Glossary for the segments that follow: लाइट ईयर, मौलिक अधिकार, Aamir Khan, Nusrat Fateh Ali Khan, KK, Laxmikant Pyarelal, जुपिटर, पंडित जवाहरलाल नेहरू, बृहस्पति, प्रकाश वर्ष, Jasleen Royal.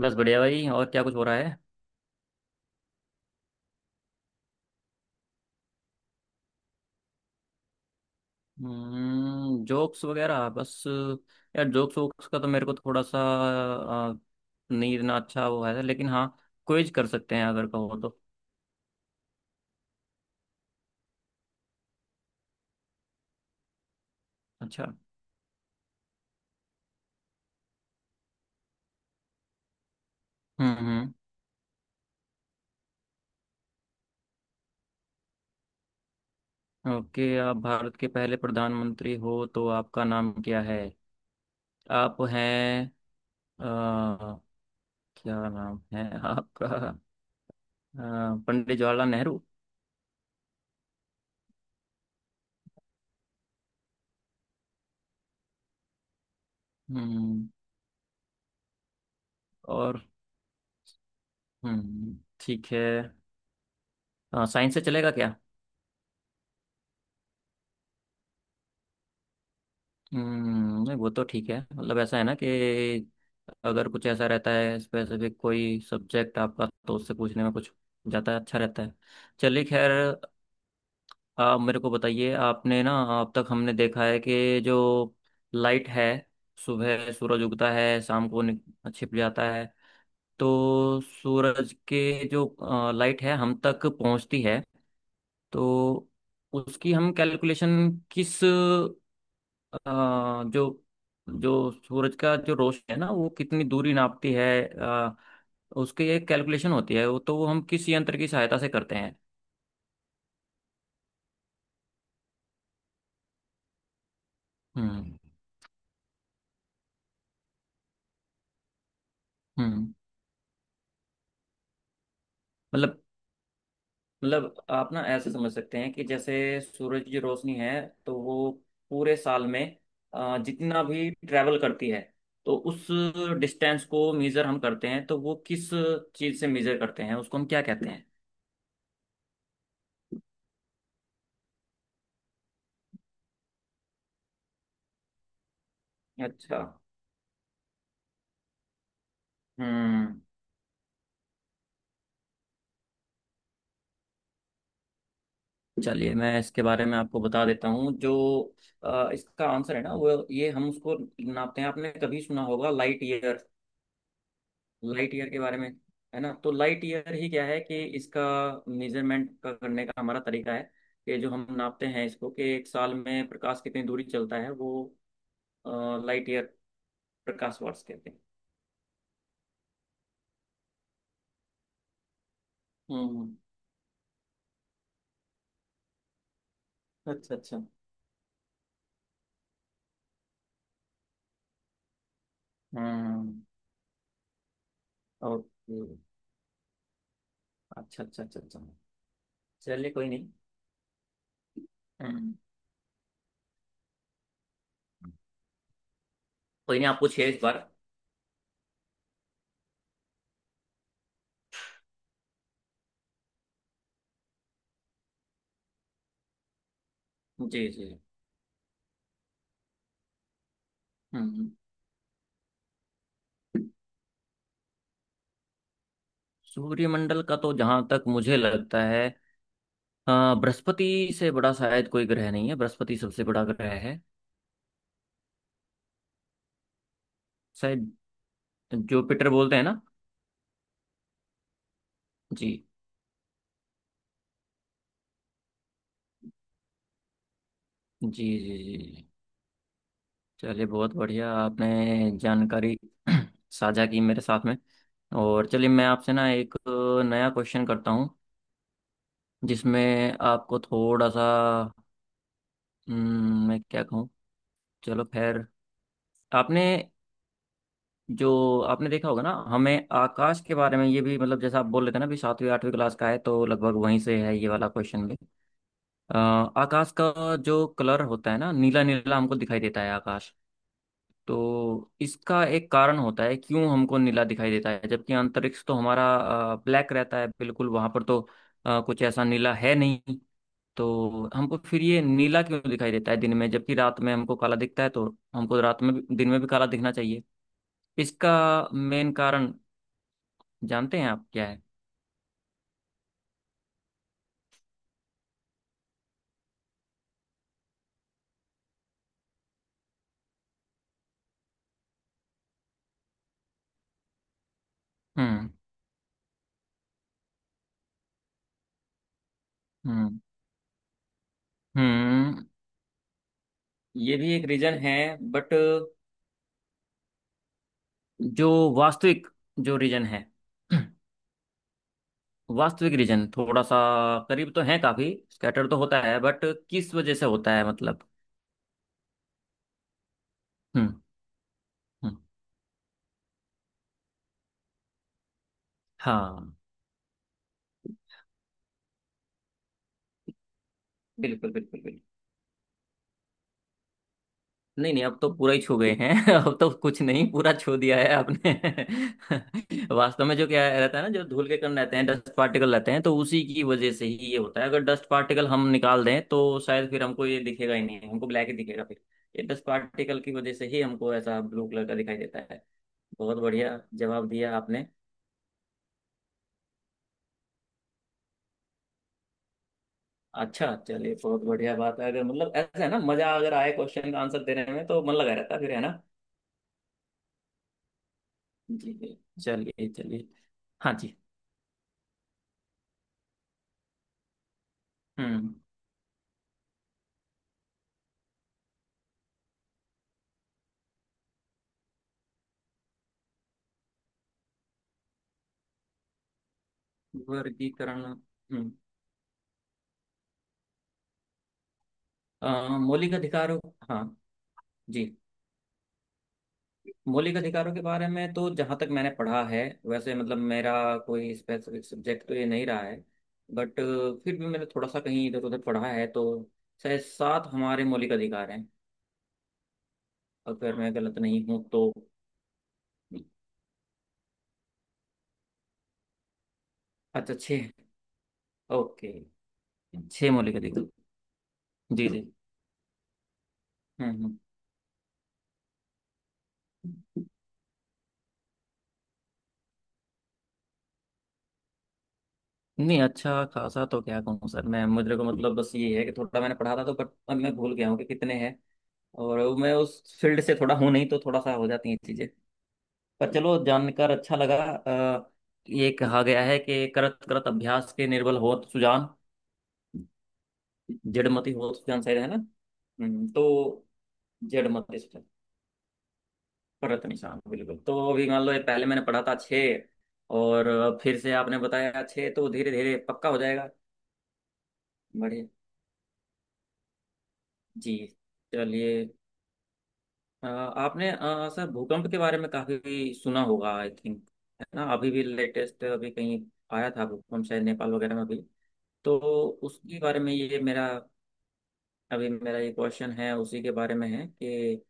बस बढ़िया भाई। और क्या कुछ हो रहा है? जोक्स वगैरह, बस यार, जोक्स वोक्स का तो मेरे को थोड़ा सा नहीं इतना अच्छा वो है, लेकिन हाँ। क्विज कर सकते हैं अगर कहो तो। अच्छा। हम्म, हम्म। ओके, आप भारत के पहले प्रधानमंत्री हो तो आपका नाम क्या है? आप हैं आ, क्या नाम है आपका? पंडित जवाहरलाल नेहरू। हम्म। और हम्म, ठीक है। साइंस से चलेगा क्या? नहीं, वो तो ठीक है। मतलब ऐसा है ना कि अगर कुछ ऐसा रहता है स्पेसिफिक कोई सब्जेक्ट आपका, तो उससे पूछने में कुछ जाता है, अच्छा रहता है। चलिए खैर। आप मेरे को बताइए, आपने ना अब तक हमने देखा है कि जो लाइट है, सुबह सूरज उगता है, शाम को छिप जाता है। तो सूरज के जो लाइट है हम तक पहुंचती है। तो उसकी हम कैलकुलेशन किस अ, जो जो सूरज का जो रोशनी है ना, वो कितनी दूरी नापती है, उसकी एक कैलकुलेशन होती है, वो हम किस यंत्र की सहायता से करते हैं? हम्म, हम्म। मतलब मतलब आप ना ऐसे समझ सकते हैं कि जैसे सूरज की रोशनी है, तो वो पूरे साल में जितना भी ट्रैवल करती है, तो उस डिस्टेंस को मेजर हम करते हैं, तो वो किस चीज़ से मेजर करते हैं, उसको हम क्या कहते हैं? अच्छा। हम्म चलिए, मैं इसके बारे में आपको बता देता हूँ। इसका आंसर है ना, वो ये, हम उसको नापते हैं। आपने कभी सुना होगा लाइट ईयर? लाइट ईयर के बारे में, है ना? तो लाइट ईयर ही क्या है कि इसका मेजरमेंट का करने का हमारा तरीका है, कि जो हम नापते हैं इसको कि एक साल में प्रकाश कितनी दूरी चलता है, वो लाइट ईयर, प्रकाश वर्ष कहते हैं। हम्म। अच्छा, अच्छा। हम्म, ओके। अच्छा, अच्छा, अच्छा, अच्छा। चलिए कोई नहीं। हम्म, कोई नहीं। आप पूछिए इस बार। जी, जी। हम्म। सूर्यमंडल का तो जहां तक मुझे लगता है, अ, बृहस्पति से बड़ा शायद कोई ग्रह नहीं है, बृहस्पति सबसे बड़ा ग्रह है। शायद जुपिटर बोलते हैं ना? जी, जी, जी। जी, जी। चलिए बहुत बढ़िया, आपने जानकारी साझा की मेरे साथ में। और चलिए, मैं आपसे ना एक नया क्वेश्चन करता हूँ, जिसमें आपको थोड़ा सा, मैं क्या कहूँ, चलो खैर। आपने जो आपने देखा होगा ना, हमें आकाश के बारे में ये भी, मतलब जैसा आप बोल रहे थे ना, भी सातवीं आठवीं क्लास का है तो लगभग वहीं से है ये वाला क्वेश्चन भी। आकाश का जो कलर होता है ना, नीला नीला हमको दिखाई देता है आकाश। तो इसका एक कारण होता है, क्यों हमको नीला दिखाई देता है, जबकि अंतरिक्ष तो हमारा ब्लैक रहता है बिल्कुल। वहां पर तो कुछ ऐसा नीला है नहीं। तो हमको फिर ये नीला क्यों दिखाई देता है दिन में, जबकि रात में हमको काला दिखता है? तो हमको रात में भी दिन में भी काला दिखना चाहिए। इसका मेन कारण जानते हैं आप क्या है? हम्म, हम्म, हम्म। ये भी एक रीजन है, बट जो वास्तविक जो रीजन है, वास्तविक रीजन थोड़ा सा करीब तो है, काफी स्कैटर तो होता है, बट किस वजह से होता है, मतलब? हम्म, हम्म। हाँ बिल्कुल, बिल्कुल, बिल्कुल। नहीं, नहीं, अब तो पूरा ही छू गए हैं अब तो कुछ नहीं, पूरा छू दिया है आपने। वास्तव में जो क्या रहता है ना, जो धूल के कण रहते हैं, डस्ट पार्टिकल रहते हैं, तो उसी की वजह से ही ये होता है। अगर डस्ट पार्टिकल हम निकाल दें, तो शायद फिर हमको ये दिखेगा ही नहीं, हमको ब्लैक ही दिखेगा। फिर ये डस्ट पार्टिकल की वजह से ही हमको ऐसा ब्लू कलर का दिखाई देता है। बहुत बढ़िया जवाब दिया आपने। अच्छा चलिए, बहुत बढ़िया बात है। अगर मतलब ऐसा है ना, मजा अगर आए क्वेश्चन का आंसर देने में, तो मन लगा रहता है फिर, है ना? जी, जी। चलिए, चलिए। हाँ जी। हम्म। वर्गीकरण। हम्म, अ, मौलिक अधिकारों। हाँ जी। मौलिक अधिकारों के बारे में तो जहाँ तक मैंने पढ़ा है, वैसे मतलब मेरा कोई स्पेसिफिक सब्जेक्ट तो ये नहीं रहा है, बट फिर भी मैंने थोड़ा सा कहीं इधर उधर पढ़ा है, तो शायद सात हमारे मौलिक अधिकार हैं, अगर मैं गलत नहीं हूँ तो। अच्छा, छः। ओके, छः मौलिक अधिकार। जी, जी। हम्म, हम्म। नहीं, अच्छा खासा तो क्या कहूँ सर, मैं मुझे को मतलब बस ये है कि थोड़ा मैंने पढ़ा था तो, बट अब मैं भूल गया हूँ कि कितने हैं। और मैं उस फील्ड से थोड़ा हूं नहीं, तो थोड़ा सा हो जाती हैं ये चीजें। पर चलो जानकर अच्छा लगा। ये कहा गया है कि करत करत अभ्यास के निर्बल होत सुजान, जड़मति होत सुजान, सही है ना? हम्म। तो जड़मति सुजान परत निशान, बिल्कुल। तो अभी मान लो, ये पहले मैंने पढ़ा था छः, और फिर से आपने बताया छः, तो धीरे धीरे पक्का हो जाएगा। बढ़िया। जी, चलिए। आपने सर भूकंप के बारे में काफी सुना होगा, आई थिंक। है ना? अभी भी लेटेस्ट अभी कहीं आया था भूकंप, शायद नेपाल वगैरह में भी। तो उसके बारे में ये मेरा अभी मेरा ये क्वेश्चन है उसी के बारे में है, कि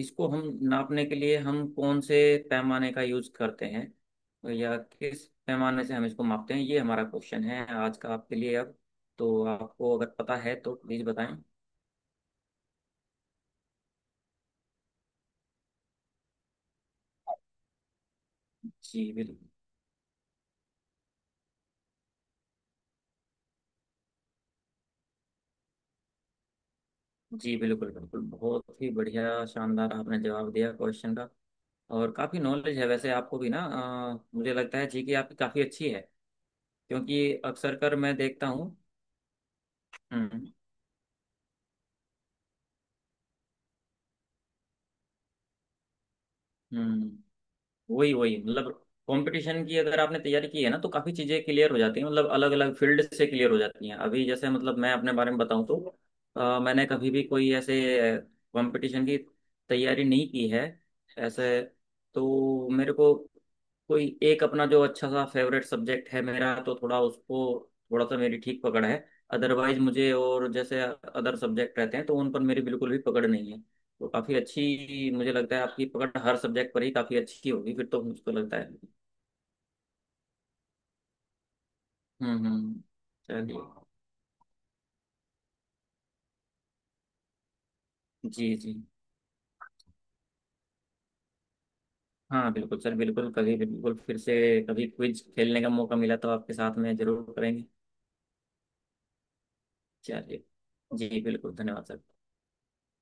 इसको हम नापने के लिए हम कौन से पैमाने का यूज करते हैं, या किस पैमाने से हम इसको मापते हैं, ये हमारा क्वेश्चन है आज का आपके लिए अब। तो आपको अगर पता है तो प्लीज बताएं। जी बिल्कुल। जी बिल्कुल, बिल्कुल, बहुत ही बढ़िया शानदार आपने जवाब दिया क्वेश्चन का। और काफ़ी नॉलेज है वैसे आपको भी ना। मुझे लगता है जी कि आपकी काफ़ी अच्छी है, क्योंकि अक्सर कर मैं देखता हूँ। हम्म, हम्म। वही वही, मतलब कंपटीशन की अगर आपने तैयारी की है ना, तो काफी चीजें क्लियर हो जाती हैं, मतलब अलग अलग फील्ड से क्लियर हो जाती हैं। अभी जैसे मतलब मैं अपने बारे में बताऊं तो, मैंने कभी भी कोई ऐसे कंपटीशन की तैयारी नहीं की है ऐसे। तो मेरे को कोई एक अपना जो अच्छा सा फेवरेट सब्जेक्ट है मेरा, तो थोड़ा उसको, थोड़ा सा मेरी ठीक पकड़ है। अदरवाइज मुझे और जैसे अदर सब्जेक्ट रहते हैं, तो उन पर मेरी बिल्कुल भी पकड़ नहीं है। तो काफी अच्छी मुझे लगता है आपकी पकड़ हर सब्जेक्ट पर ही काफी अच्छी होगी फिर, तो मुझको लगता है। हम्म, हम्म। चलिए। जी, जी। हाँ बिल्कुल सर, बिल्कुल कभी, बिल्कुल फिर से कभी क्विज खेलने का मौका मिला तो आपके साथ में जरूर करेंगे। चलिए। जी बिल्कुल, धन्यवाद सर।